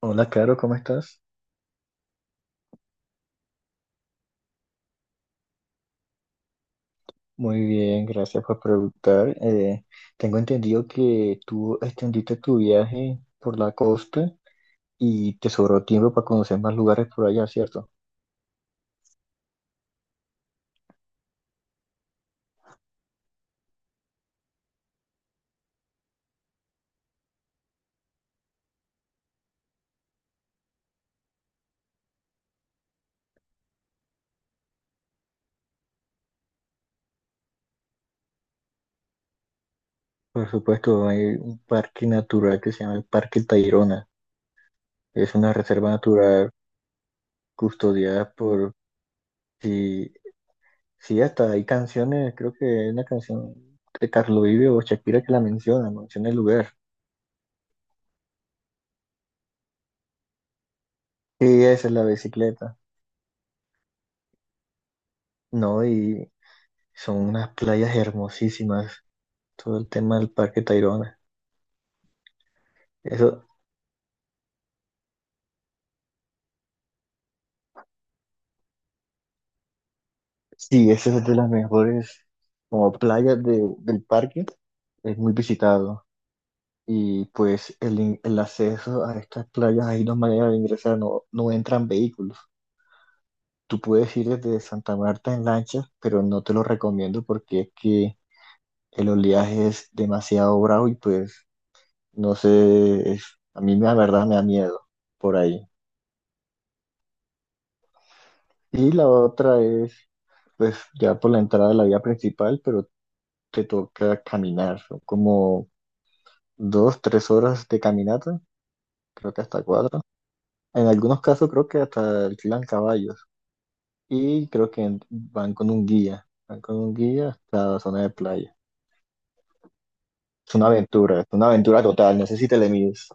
Hola, Caro, ¿cómo estás? Muy bien, gracias por preguntar. Tengo entendido que tú extendiste tu viaje por la costa y te sobró tiempo para conocer más lugares por allá, ¿cierto? Por supuesto, hay un parque natural que se llama el Parque Tayrona. Es una reserva natural custodiada por... Sí, sí, hasta hay canciones, creo que hay una canción de Carlos Vives o Shakira que la menciona, menciona el lugar. Sí, esa es la bicicleta. No, y son unas playas hermosísimas. Todo el tema del Parque Tayrona. Eso, sí, esa es de las mejores como playas del parque. Es muy visitado. Y pues el acceso a estas playas, hay dos maneras de ingresar, no, no entran vehículos. Tú puedes ir desde Santa Marta en lancha, pero no te lo recomiendo porque es que el oleaje es demasiado bravo y pues no sé, a mí la verdad me da miedo por ahí. Y la otra es pues ya por la entrada de la vía principal, pero te toca caminar, son como dos, tres horas de caminata, creo que hasta cuatro. En algunos casos creo que hasta alquilan caballos y creo que van con un guía, van con un guía hasta la zona de playa. Es una aventura total, no sé si te le mides.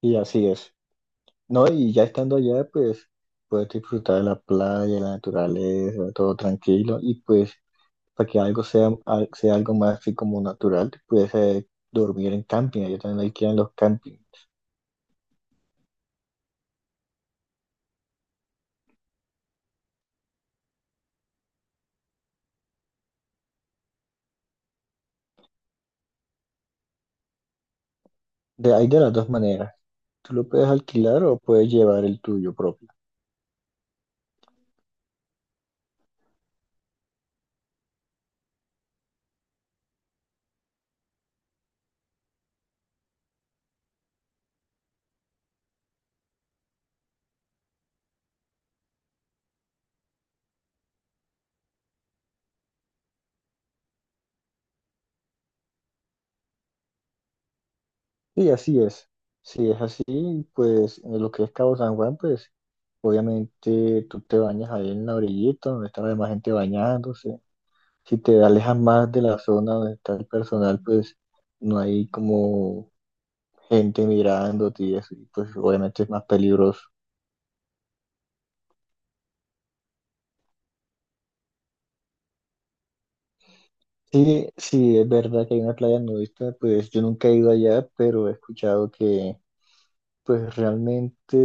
Y así es. No, y ya estando allá, pues puedes disfrutar de la playa, la naturaleza, todo tranquilo y pues para que algo sea, sea algo más así como natural, te pudiese dormir en camping, ellos también alquilan los campings. De, hay de las dos maneras, tú lo puedes alquilar o puedes llevar el tuyo propio. Y así es. Si es así, pues en lo que es Cabo San Juan, pues obviamente tú te bañas ahí en la orillita donde está la demás gente bañándose. Si te alejas más de la zona donde está el personal, pues no hay como gente mirándote y eso, y pues obviamente es más peligroso. Sí, sí, es verdad que hay una playa nudista, pues yo nunca he ido allá, pero he escuchado que pues realmente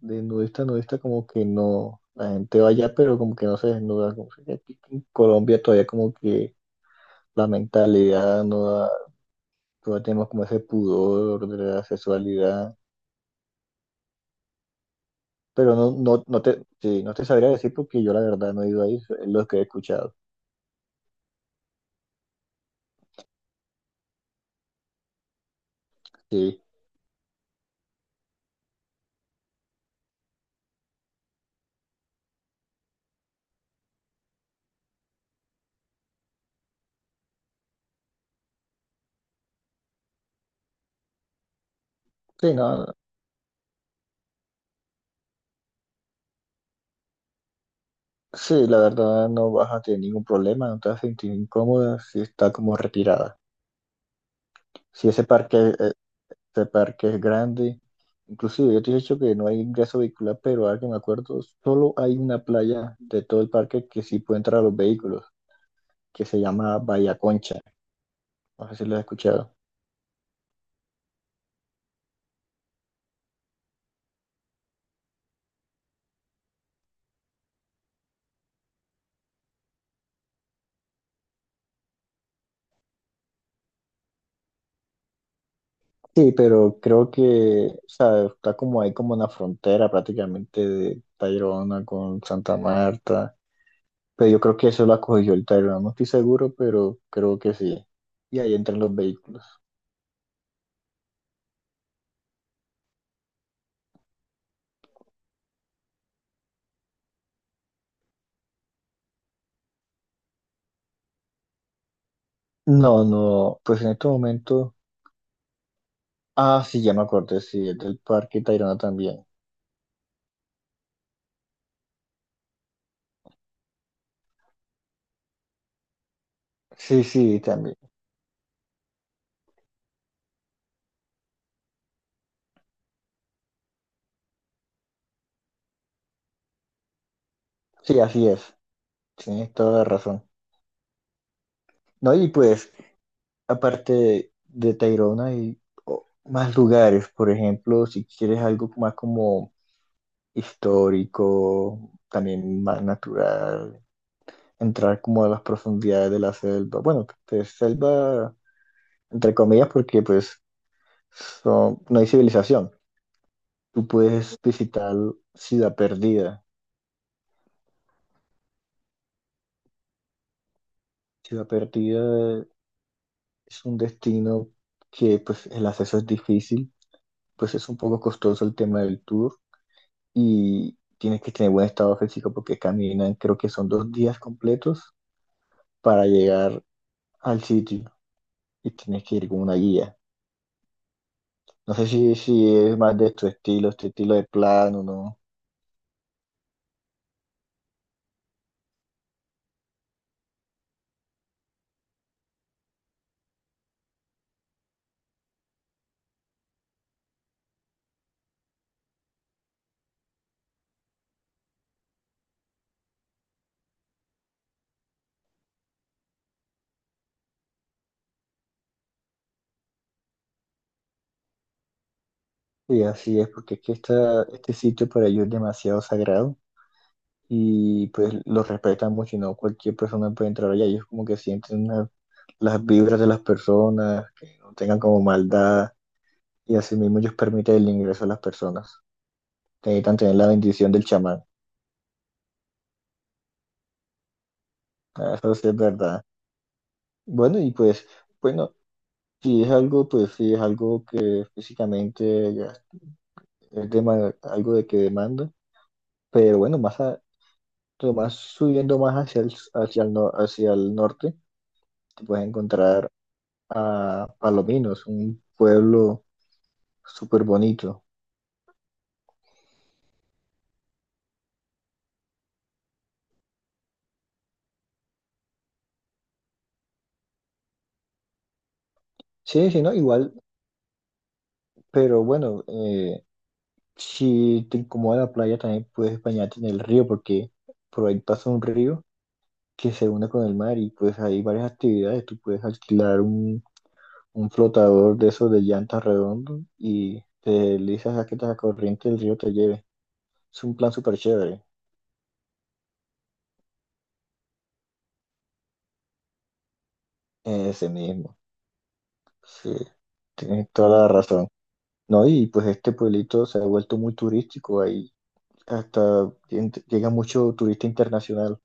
de nudista a nudista como que no, la gente va allá, pero como que no se desnuda, como que aquí en Colombia todavía como que la mentalidad no da, todavía tenemos como ese pudor de la sexualidad, pero no, no, no te, sí, no te sabría decir porque yo la verdad no he ido ahí, es lo que he escuchado, sí. Sí, no, sí, la verdad no vas a tener ningún problema, no te vas a sentir incómoda si está como retirada. Si ese parque, ese parque es grande, inclusive yo te he dicho que no hay ingreso vehicular, pero ahora que me acuerdo, solo hay una playa de todo el parque que sí puede entrar a los vehículos, que se llama Bahía Concha. No sé si lo has escuchado. Sí, pero creo que, o sea, está como ahí como una frontera prácticamente de Tayrona con Santa Marta. Pero yo creo que eso lo acogió el Tyrant, no estoy seguro, pero creo que sí. Y ahí entran los vehículos. No, no, pues en este momento. Ah, sí, ya me acordé, sí, es del parque Tayrona también. Sí, sí, también. Sí, así es. Tienes toda la razón. No, y pues, aparte de Tayrona, hay más lugares. Por ejemplo, si quieres algo más como histórico, también más natural, entrar como a las profundidades de la selva. Bueno, de selva entre comillas, porque pues no hay civilización. Tú puedes visitar Ciudad Perdida. Ciudad Perdida es un destino que pues el acceso es difícil, pues es un poco costoso el tema del tour y tienes que tener buen estado físico porque caminan, creo que son dos días completos para llegar al sitio y tienes que ir con una guía. No sé si, si es más de tu estilo, este estilo de plano, ¿no? Y así es, porque es que esta, este sitio para ellos es demasiado sagrado. Y pues los respetan mucho y no cualquier persona puede entrar allá. Ellos como que sienten una- las vibras de las personas, que no tengan como maldad y así mismo ellos permiten el ingreso a las personas. Necesitan tener la bendición del chamán. Ah, eso sí es verdad. Bueno, y pues, bueno, si es algo, pues sí es algo que físicamente ya es algo de que demanda, pero bueno, más subiendo más hacia el, hacia el norte, te puedes encontrar a Palominos, un pueblo súper bonito. Sí, sí, no, igual, pero bueno, si te incomoda la playa también puedes bañarte en el río porque por ahí pasa un río que se une con el mar y pues hay varias actividades. Tú puedes alquilar un flotador de esos de llantas redondos y te deslizas a que la corriente del río te lleve. Es un plan súper chévere, ese mismo. Sí, tienes toda la razón. No, y pues este pueblito se ha vuelto muy turístico ahí. Hasta llega mucho turista internacional.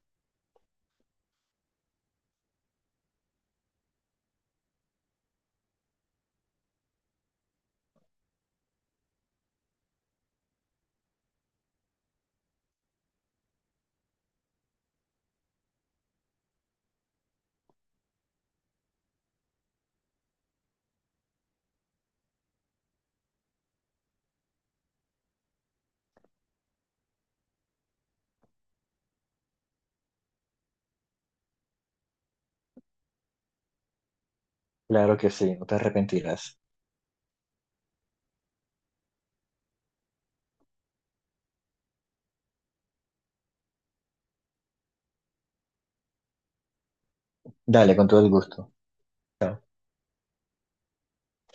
Claro que sí, no te arrepentirás. Dale, con todo el gusto.